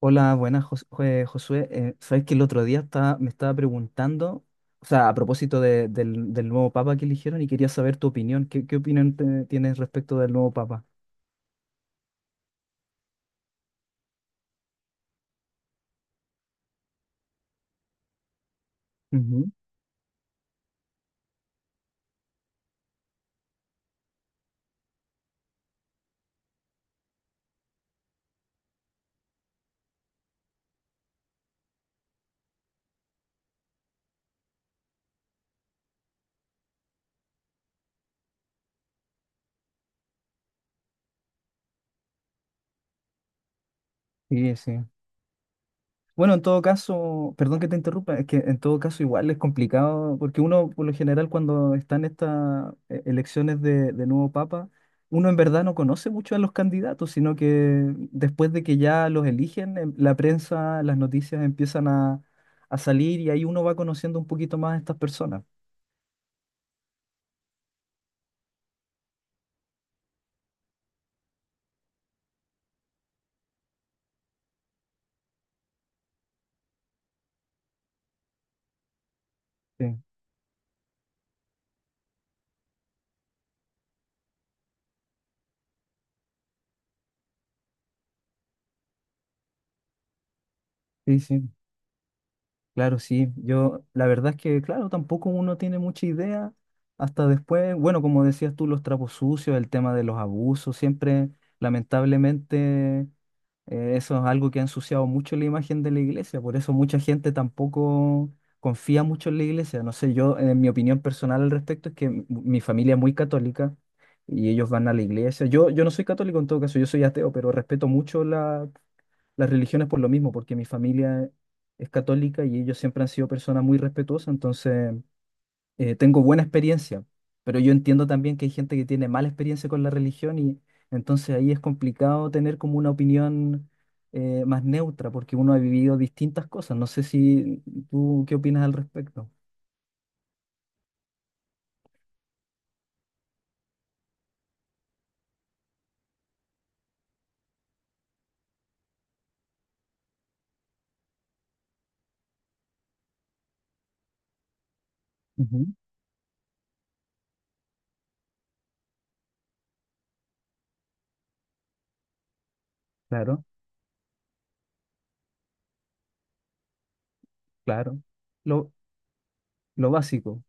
Hola, buenas, Josué. Sabes que el otro día me estaba preguntando, o sea, a propósito del nuevo papa que eligieron y quería saber tu opinión. ¿Qué opinión tienes respecto del nuevo papa? Ujú. Sí, sí. Bueno, en todo caso, perdón que te interrumpa, es que en todo caso igual es complicado, porque uno por lo general cuando están estas elecciones de nuevo papa, uno en verdad no conoce mucho a los candidatos, sino que después de que ya los eligen, la prensa, las noticias empiezan a salir y ahí uno va conociendo un poquito más a estas personas. Sí, sí, sí. Claro, sí, yo la verdad es que, claro, tampoco uno tiene mucha idea hasta después, bueno, como decías tú, los trapos sucios, el tema de los abusos, siempre, lamentablemente, eso es algo que ha ensuciado mucho la imagen de la iglesia, por eso mucha gente tampoco confía mucho en la iglesia, no sé, yo, en mi opinión personal al respecto es que mi familia es muy católica y ellos van a la iglesia, yo no soy católico en todo caso, yo soy ateo, pero respeto mucho las religiones por lo mismo, porque mi familia es católica y ellos siempre han sido personas muy respetuosas, entonces tengo buena experiencia, pero yo entiendo también que hay gente que tiene mala experiencia con la religión y entonces ahí es complicado tener como una opinión más neutra, porque uno ha vivido distintas cosas. No sé si tú qué opinas al respecto. Ujú. Claro, claro. Lo, lo básico.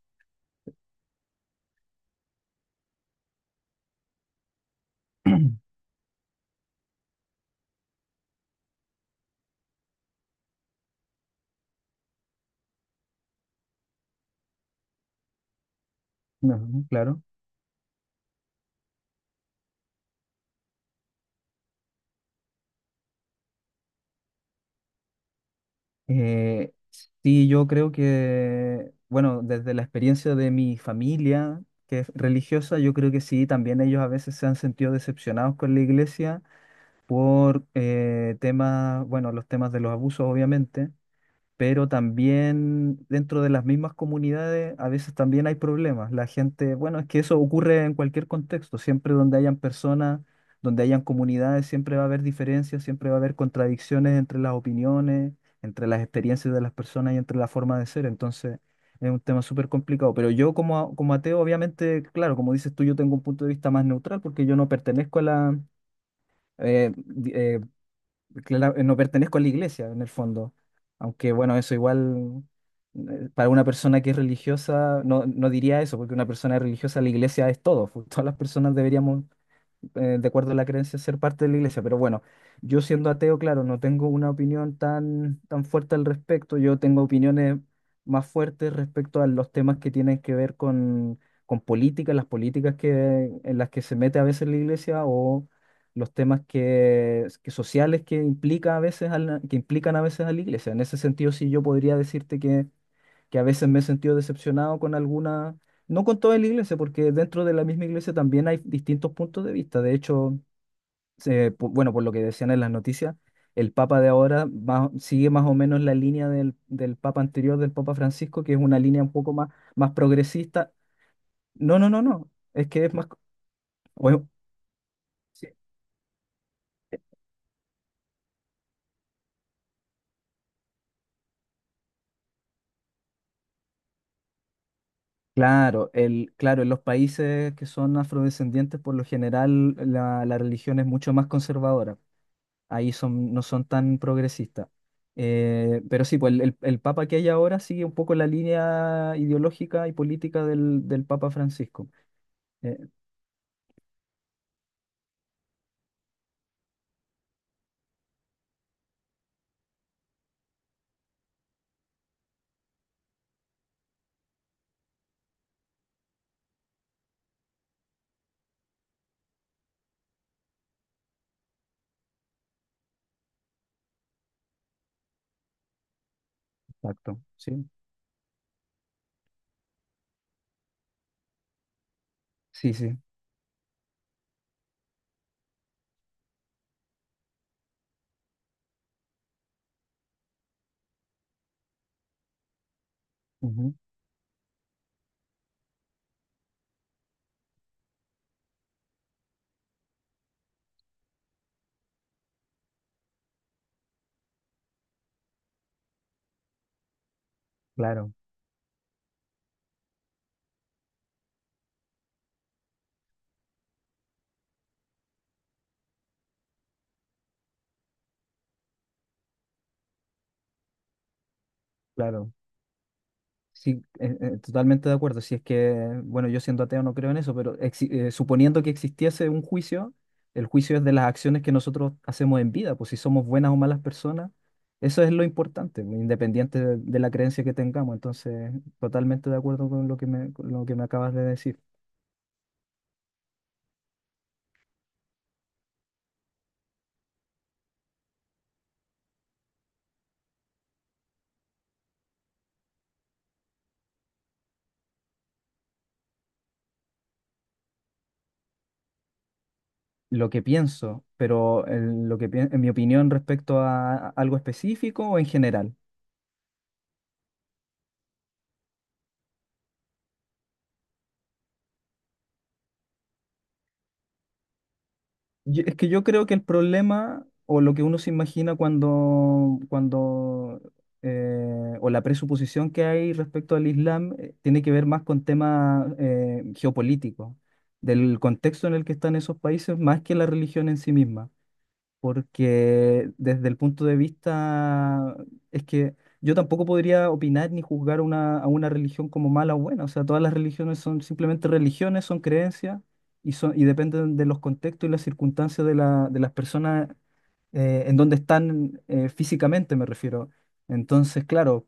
Ujú, claro. Eh, sí, yo creo que, bueno, desde la experiencia de mi familia, que es religiosa, yo creo que sí, también ellos a veces se han sentido decepcionados con la iglesia por temas, bueno, los temas de los abusos, obviamente, pero también dentro de las mismas comunidades a veces también hay problemas. La gente, bueno, es que eso ocurre en cualquier contexto, siempre donde hayan personas, donde hayan comunidades, siempre va a haber diferencias, siempre va a haber contradicciones entre las opiniones, entre las experiencias de las personas y entre la forma de ser. Entonces, es un tema súper complicado. Pero yo como, como ateo, obviamente, claro, como dices tú, yo tengo un punto de vista más neutral porque yo no pertenezco a la... eh, di- eh, no pertenezco a la iglesia en el fondo. Aunque bueno, eso igual para una persona que es religiosa no, no diría eso, porque una persona religiosa la iglesia es todo. Todas las personas deberíamos, de acuerdo a la creencia, ser parte de la iglesia. Pero bueno, yo siendo ateo, claro, no tengo una opinión tan, tan fuerte al respecto. Yo tengo opiniones más fuertes respecto a los temas que tienen que ver con política, las políticas que, en las que se mete a veces la iglesia o los temas que sociales que implica a veces a que implican a veces a la iglesia. En ese sentido, sí, yo podría decirte que a veces me he sentido decepcionado con alguna, no con toda la iglesia, porque dentro de la misma iglesia también hay distintos puntos de vista. De hecho, bueno, por lo que decían en las noticias, el Papa de ahora sigue más o menos la línea del Papa anterior, del Papa Francisco, que es una línea un poco más, más progresista. No, no, no, no, es que es más... o- sí. Claro, el, claro, en los países que son afrodescendientes, por lo general, la religión es mucho más conservadora. Ahí son, no son tan progresistas. Pero sí, pues el, el papa que hay ahora sigue un poco la línea ideológica y política del papa Francisco. Eh, exacto, sí, sí, sí, ujú, claro, claro. Sí, totalmente de acuerdo. Si es que, bueno, yo siendo ateo no creo en eso, pero suponiendo que existiese un juicio, el juicio es de las acciones que nosotros hacemos en vida, pues si somos buenas o malas personas, eso es lo importante, pues, independiente de la creencia que tengamos. Entonces, totalmente de acuerdo con lo que me, con lo que me acabas de decir. Lo que pienso, pero en, en mi opinión respecto a algo específico o en general. Es que yo creo que el problema o lo que uno se imagina cuando, cuando o la presuposición que hay respecto al Islam, tiene que ver más con temas, geopolíticos, del contexto en el que están esos países, más que la religión en sí misma, porque desde el punto de vista es que yo tampoco podría opinar ni juzgar una, a una religión como mala o buena. O sea, todas las religiones son simplemente religiones, son creencias y, son, y dependen de los contextos y las circunstancias de, la, de las personas, en donde están, físicamente, me refiero. Entonces, claro,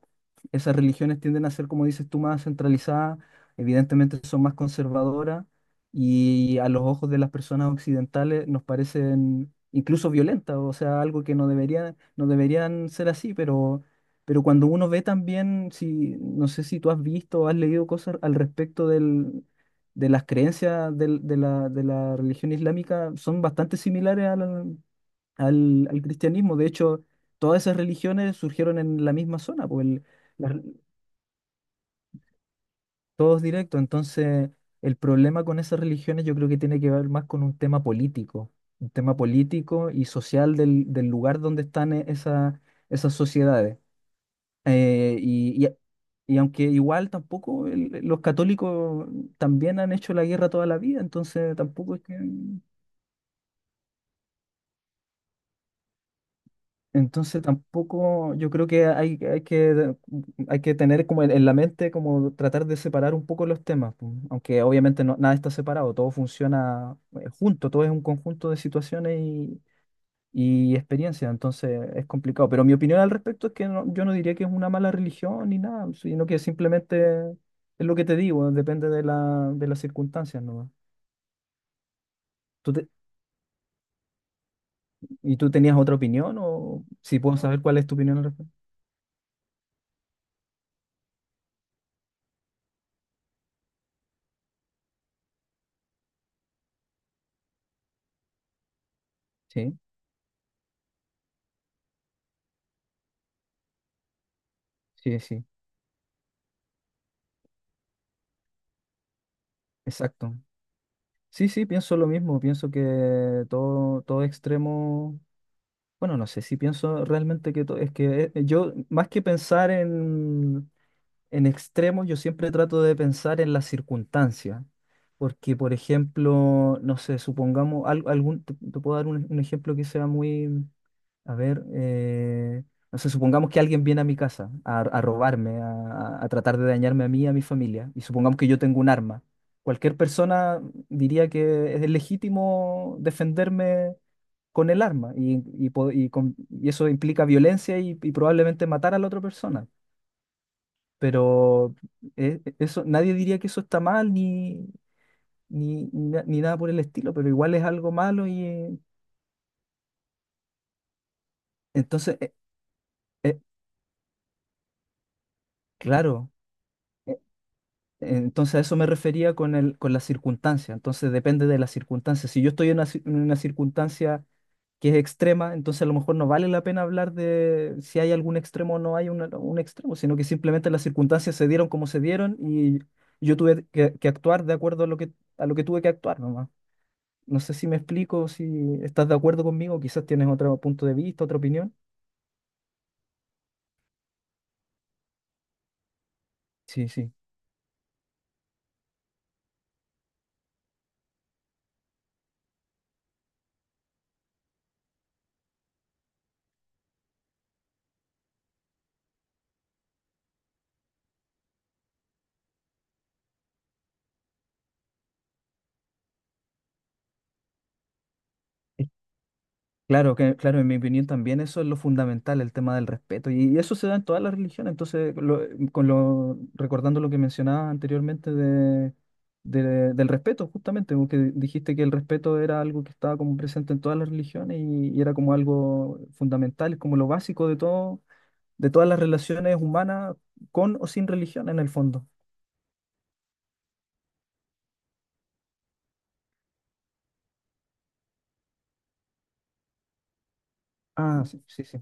esas religiones tienden a ser, como dices tú, más centralizadas, evidentemente son más conservadoras y a los ojos de las personas occidentales nos parecen incluso violentas, o sea, algo que no deberían, no deberían ser así, pero cuando uno ve también, si, no sé si tú has visto o has leído cosas al respecto del, de las creencias de la religión islámica, son bastante similares al, al, al cristianismo. De hecho, todas esas religiones surgieron en la misma zona, pues las, todos directos. Entonces, el problema con esas religiones yo creo que tiene que ver más con un tema político y social del, del lugar donde están esas sociedades. Eh, y, y- y aunque igual tampoco los católicos también han hecho la guerra toda la vida, entonces tampoco es que... Entonces tampoco, yo creo que hay que tener como en la mente, como tratar de separar un poco los temas, pues, aunque obviamente nada está separado, todo funciona, junto, todo es un conjunto de situaciones y experiencias, entonces es complicado. Pero mi opinión al respecto es que yo no diría que es una mala religión ni nada, sino que simplemente es lo que te digo, depende de la, de las circunstancias, ¿no? ¿Tú te- y tú tenías otra opinión o si puedo saber cuál es tu opinión al respecto? Sí, sí, sí, exacto. Sí, sí, pienso lo mismo, pienso que todo, todo extremo, bueno, no sé si pienso realmente que todo, es que yo, más que pensar en extremos yo siempre trato de pensar en las circunstancias, porque por ejemplo, no sé, supongamos te puedo dar un ejemplo que sea muy, a ver, no sé, supongamos que alguien viene a mi casa a robarme, a tratar de dañarme a mí y a mi familia, y supongamos que yo tengo un arma. Cualquier persona diría que es legítimo defenderme con el arma y, y eso implica violencia y probablemente matar a la otra persona. Pero eso, nadie diría que eso está mal ni nada por el estilo, pero igual es algo malo y, entonces, eh, claro, eh, entonces a eso me refería con el, con la circunstancia, entonces depende de la circunstancia. Si yo estoy en una, en una circunstancia que es extrema, entonces a lo mejor no vale la pena hablar de si hay algún extremo o no hay un extremo, sino que simplemente las circunstancias se dieron como se dieron y yo tuve que actuar de acuerdo a lo que tuve que actuar, nomás. No sé si me explico, si estás de acuerdo conmigo, quizás tienes otro punto de vista, otra opinión. Sí, sí. Es- Claro, que, claro, en mi opinión también eso es lo fundamental, el tema del respeto. Y eso se da en todas las religiones. Entonces, con lo, recordando lo que mencionabas anteriormente de, del respeto, justamente, porque dijiste que el respeto era algo que estaba como presente en todas las religiones y era como algo fundamental, es como lo básico de todo, de todas las relaciones humanas, con o sin religión en el fondo. Ah, sí, sí, sí.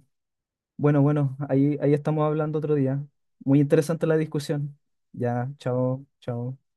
Bueno, bueno, ahí, ahí estamos hablando otro día. Muy interesante la discusión. Ya, chao, chao.